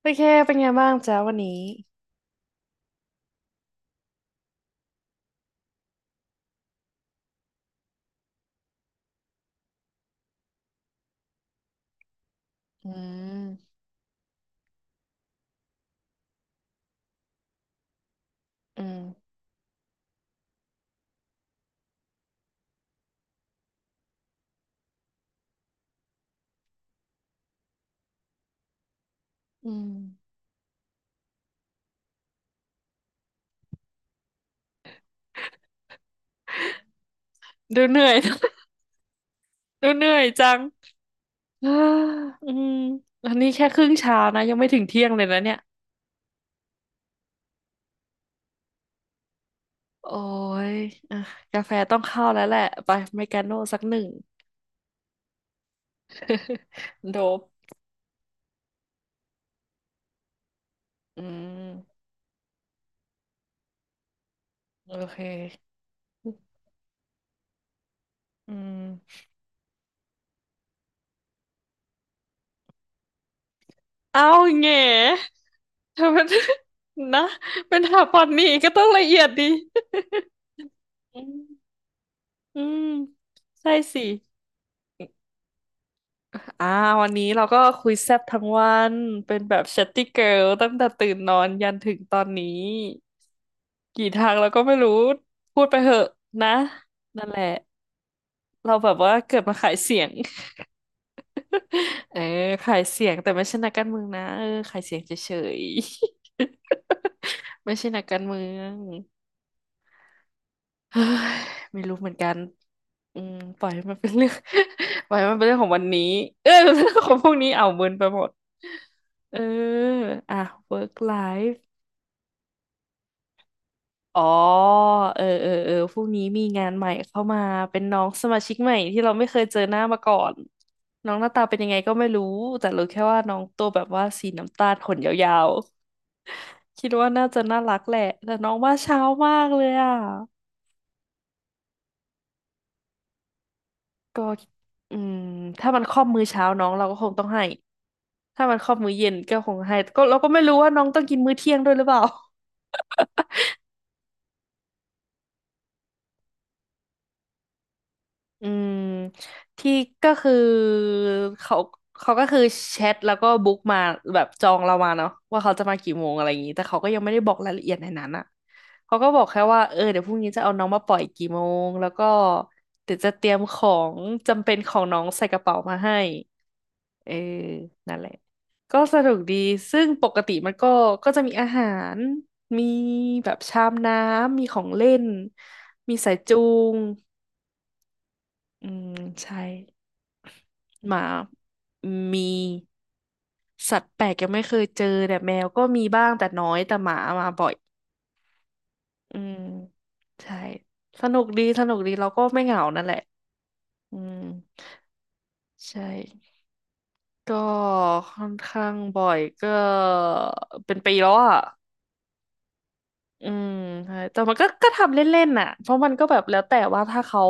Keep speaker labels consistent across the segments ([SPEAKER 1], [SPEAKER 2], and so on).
[SPEAKER 1] โอเคเป็นไงบ้างจ้าวันนี้อืมอืมอืมดูเหนื่อย ดูเหนื่อยจัง อ้าอืมอันนี้แค่ครึ่งเช้านะยังไม่ถึงเที่ยงเลยนะเนี่ยโอ้ยอ่ะกาแฟต้องเข้าแล้วแหละไปเมกาโน่สักหนึ่ง โดบอืมโอเคอืมเอาแง่เธอเป็น นะเป็นถาปอนนี่ก็ต้องละเอียดดีอืมอืมใช่สิ อ่าวันนี้เราก็คุยแซ่บทั้งวันเป็นแบบ chatty girl ตั้งแต่ตื่นนอนยันถึงตอนนี้กี่ทางเราก็ไม่รู้พูดไปเหอะนะนั่นแหละเราแบบว่าเกิดมาขายเสียง เออขายเสียงแต่ไม่ใช่นักการเมืองนะเออขายเสียงเฉยๆ ไม่ใช่นักการเมือง เฮ้ยไม่รู้เหมือนกันอืมปล่อยให้มันเป็นเรื่อง ปล่อยให้มันเป็นเรื่องของวันนี้เออเรื่องของพวกนี้เอาเมินไปหมดเอออ่ะ work life อ๋อเออพรุ่งนี้มีงานใหม่เข้ามาเป็นน้องสมาชิกใหม่ที่เราไม่เคยเจอหน้ามาก่อนน้องหน้าตาเป็นยังไงก็ไม่รู้แต่รู้แค่ว่าน้องตัวแบบว่าสีน้ำตาลขนยาวๆคิดว่าน่าจะน่ารักแหละแต่น้องว่าเช้ามากเลยอ่ะ ก็อืมถ้ามันครอบมื้อเช้าน้องเราก็คงต้องให้ถ้ามันครอบมื้อเย็นก็คงให้ก็เราก็ไม่รู้ว่าน้องต้องกินมื้อเที่ยงด้วยหรือเปล่าอืมที่ก็คือเขาเขาก็คือแชทแล้วก็บุ๊กมาแบบจองเรามาเนาะว่าเขาจะมากี่โมงอะไรอย่างนี้แต่เขาก็ยังไม่ได้บอกรายละเอียดในนั้นอ่ะเขาก็บอกแค่ว่าเออเดี๋ยวพรุ่งนี้จะเอาน้องมาปล่อยกี่โมงแล้วก็เดี๋ยวจะเตรียมของจำเป็นของน้องใส่กระเป๋ามาให้ เออนั่นแหละก็สนุกดีซึ่งปกติมันก็ก็จะมีอาหารมีแบบชามน้ำมีของเล่นมีสายจูงอืมใช่หมามีสัตว์แปลกยังไม่เคยเจอแต่แมวก็มีบ้างแต่น้อยแต่หมามาบ่อยอืมใช่สนุกดีสนุกดีเราก็ไม่เหงานั่นแหละอืมใช่ก็ค่อนข้างบ่อยก็เป็นปีแล้วอ่ะ อืมใช่แต่มันก็ก็ทำเล่นๆน่ะเพราะมันก็แบบแล้วแต่ว่าถ้าเขา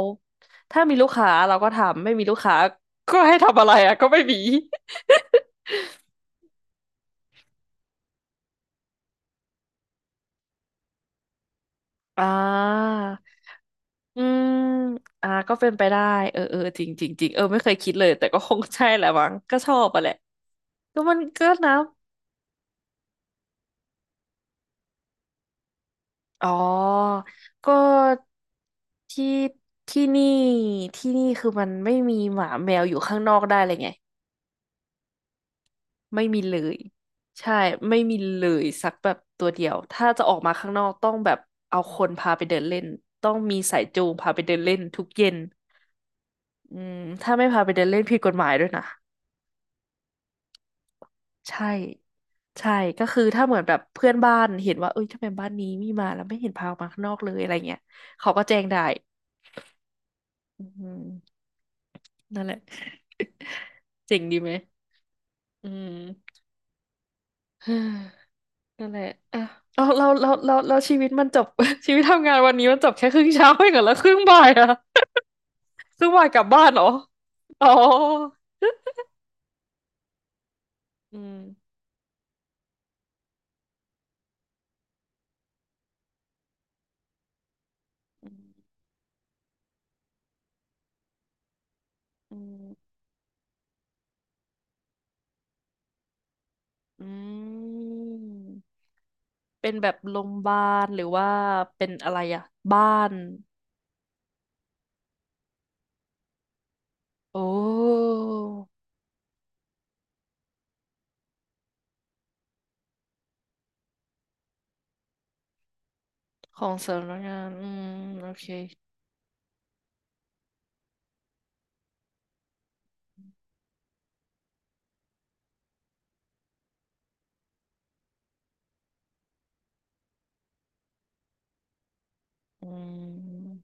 [SPEAKER 1] ถ้ามีลูกค้าเราก็ทำไม่มีลูกค้าก็ให้ทำอะไรอ่ะก็ไม่มีอ่าอืมอ่าก็เป็นไปได้เออเออจริงจริงจริงเออไม่เคยคิดเลยแต่ก็คงใช่แหละมั้งก็ชอบอะแหละก็มันก็นะอ๋อก็ที่ที่นี่ที่นี่คือมันไม่มีหมาแมวอยู่ข้างนอกได้เลยไง ไม่มีเลยใช่ไม่มีเลยสักแบบตัวเดียวถ้าจะออกมาข้างนอกต้องแบบเอาคนพาไปเดินเล่นต้องมีสายจูงพาไปเดินเล่นทุกเย็นอืมถ้าไม่พาไปเดินเล่นผิดกฎหมายด้วยนะใช่ใช่ก็คือถ้าเหมือนแบบเพื่อนบ้านเห็นว่าเอ้ยทำไมบ้านนี้มีมาแล้วไม่เห็นพาออกมาข้างนอกเลยอะไรเงี้ยเขาก็แจ้งได้อืมนั่นแหละ เจ๋งดีไหมอืม นั่นแหละอ่ะเอาเราชีวิตมันจบ ชีวิตทำงานวันนี้มันจบแค่ครึ่งเช้าเองเหรอแล้วครึ่งบ่ายอะ ครึ่งบ่ายกลับบ้านเหรออ๋ออืมอืมอืมอืมเป็นแบบโรงพยาบาลหรือว่าเป็นอะไรอะบ้าน โอ้ของสำนักงานโอเคอืม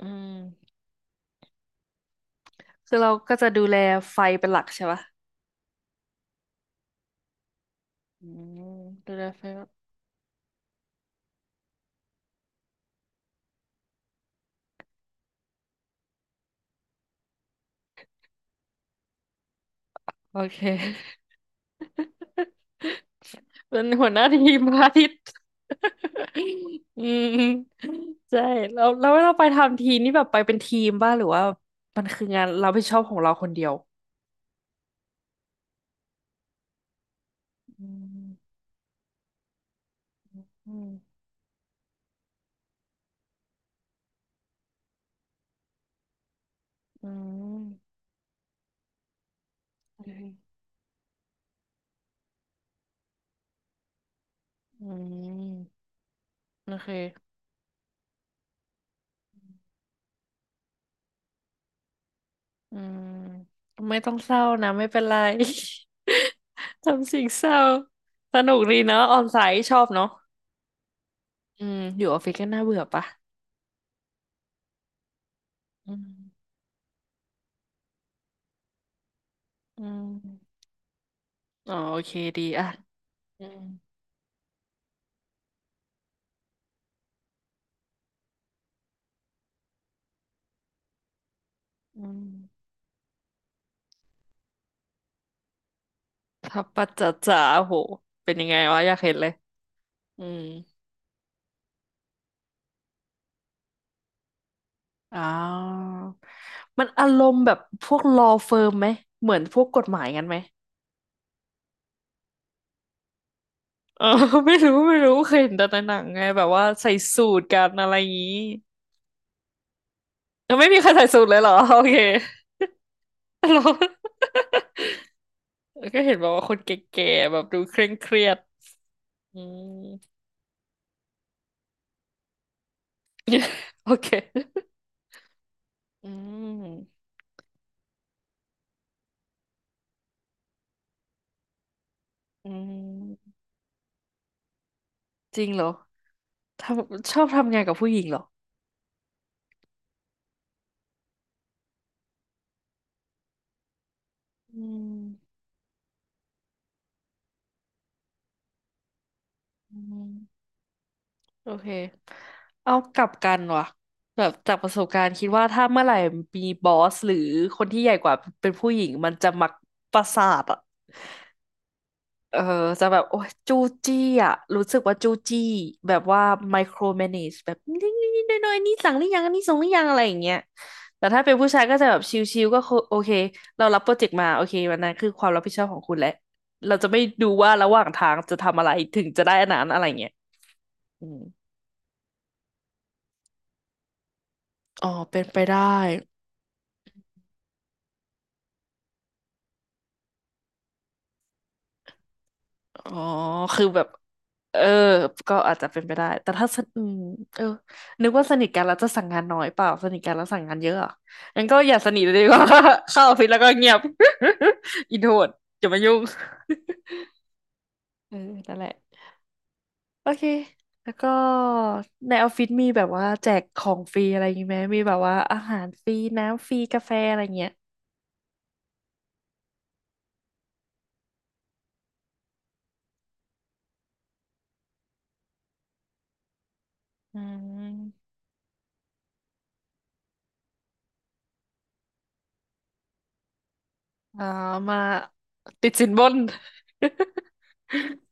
[SPEAKER 1] อืมคือเราก็จะดูแลไฟเป็นหลักใช่ปะอืมดูแลไฟลโอเค เป็นหัวหน้าทีมพระอาทิตย์ อืมใช่แล้วแล้วเราไปทำทีนี่แบบไปเป็นทีมบ้างหรือว่ามันคืองานเราไม่ชอบของเราคนเดียวอืมอืมอืมโอเคอืมโอเคอืมไม่ต้องเศร้านะไม่เป็นไร ทำสิ่งเศร้าสนุกดีเนาะออนไซต์ชอบเนาะอืมอยู่ออฟฟิศก็น่าเบื่อปะอืมอืมอ๋อโอเคดีอ่ะอืม อืมทับปัจจาจาโหเป็นยังไงวะอยากเห็นเลยอืมอ้าวมันอารมณ์แบบพวก law firm ไหมเหมือนพวกกฎหมายกันไหมเออ ไม่รู้ไม่รู้เคยเห็นแต่ในหนังไงแบบว่าใส่สูทกันอะไรอย่างนี้แล้วไม่มีใครใส่สูทเลยเหรอ โอเค เหรอแล้วก็เห็นบอกว่าคนแก่ๆแบบดูเคร่งเครียดอืม โอเคอืมอืมจริงเหรอทำชอบทำงานกับผู้หญิงเหรอ อืมอืมโอเคเอากลับกันว่ะแบบจากประสบการณ์คิดว่าถ้าเมื่อไหร่มีบอสหรือคนที่ใหญ่กว่าเป็นผู้หญิงมันจะมักประสาทอ่ะเออจะแบบโอ้ยจู้จี้อ่ะรู้สึกว่าจู้จี้แบบว่าไมโครแมเนจแบบนิดนิดน้อยนอยนี่สั่งหรือยังอันนี่ส่งหรือยังอะไรอย่างเงี้ยแต่ถ้าเป็นผู้ชายก็จะแบบชิลๆก็คือโอเคเรารับโปรเจกต์มาโอเควันนั้นคือความรับผิดชอบของคุณแหละเราจะไม่ดูว่าระหว่างทางจะทำอะไรถึงจะได้อันนั้นอะไรเงี้ยอืม อ๋อเป็นไปได้ อ๋อคือแบบเออก็อาจจะเป็นไปได้ แต่ถ้าสนอืมเออนึกว่าสนิทกันแล้วจะสั่งงานน้อยเปล่า สนิทกันแล้วสั่งงานเยอะเหรองั้นก็อย่าสนิทเลยดีกว่า เข้าออฟฟิศแล้วก็เงียบ อินโทรดอย่ามายุ่งเออนั่นแหละโอเคแล้วก็ในออฟฟิศมีแบบว่าแจกของฟรีอะไรอย่างงี้ไหมมีแบบว่าอาหารฟรีน้ำฟรีกาแฟอะไรเงี้ยอืมอ่ามาติดสินบน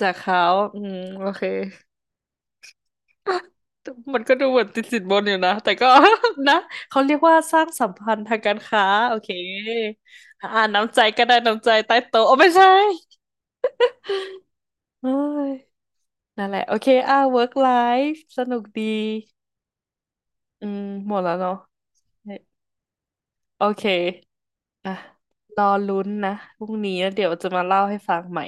[SPEAKER 1] จากเขาอืมโอเค มันก็ดูเหมือนติดสินบนอยู่นะ แต่ก็ นะเขาเรียกว่าสร้างสัมพันธ์ทางการค้าโอเคอ่าน้ำใจก็ได้น้ำใจใต้โต๊ะโอ้ไม่ใช่เอ้ยนั่นแหละ โอเคอ่า work life สนุกดีอืมหมดแล้วเนาะโอเคอ่ะรอลุ้นนะพรุ่งนี้แล้วเดี๋ยวจะมาเล่าให้ฟังใหม่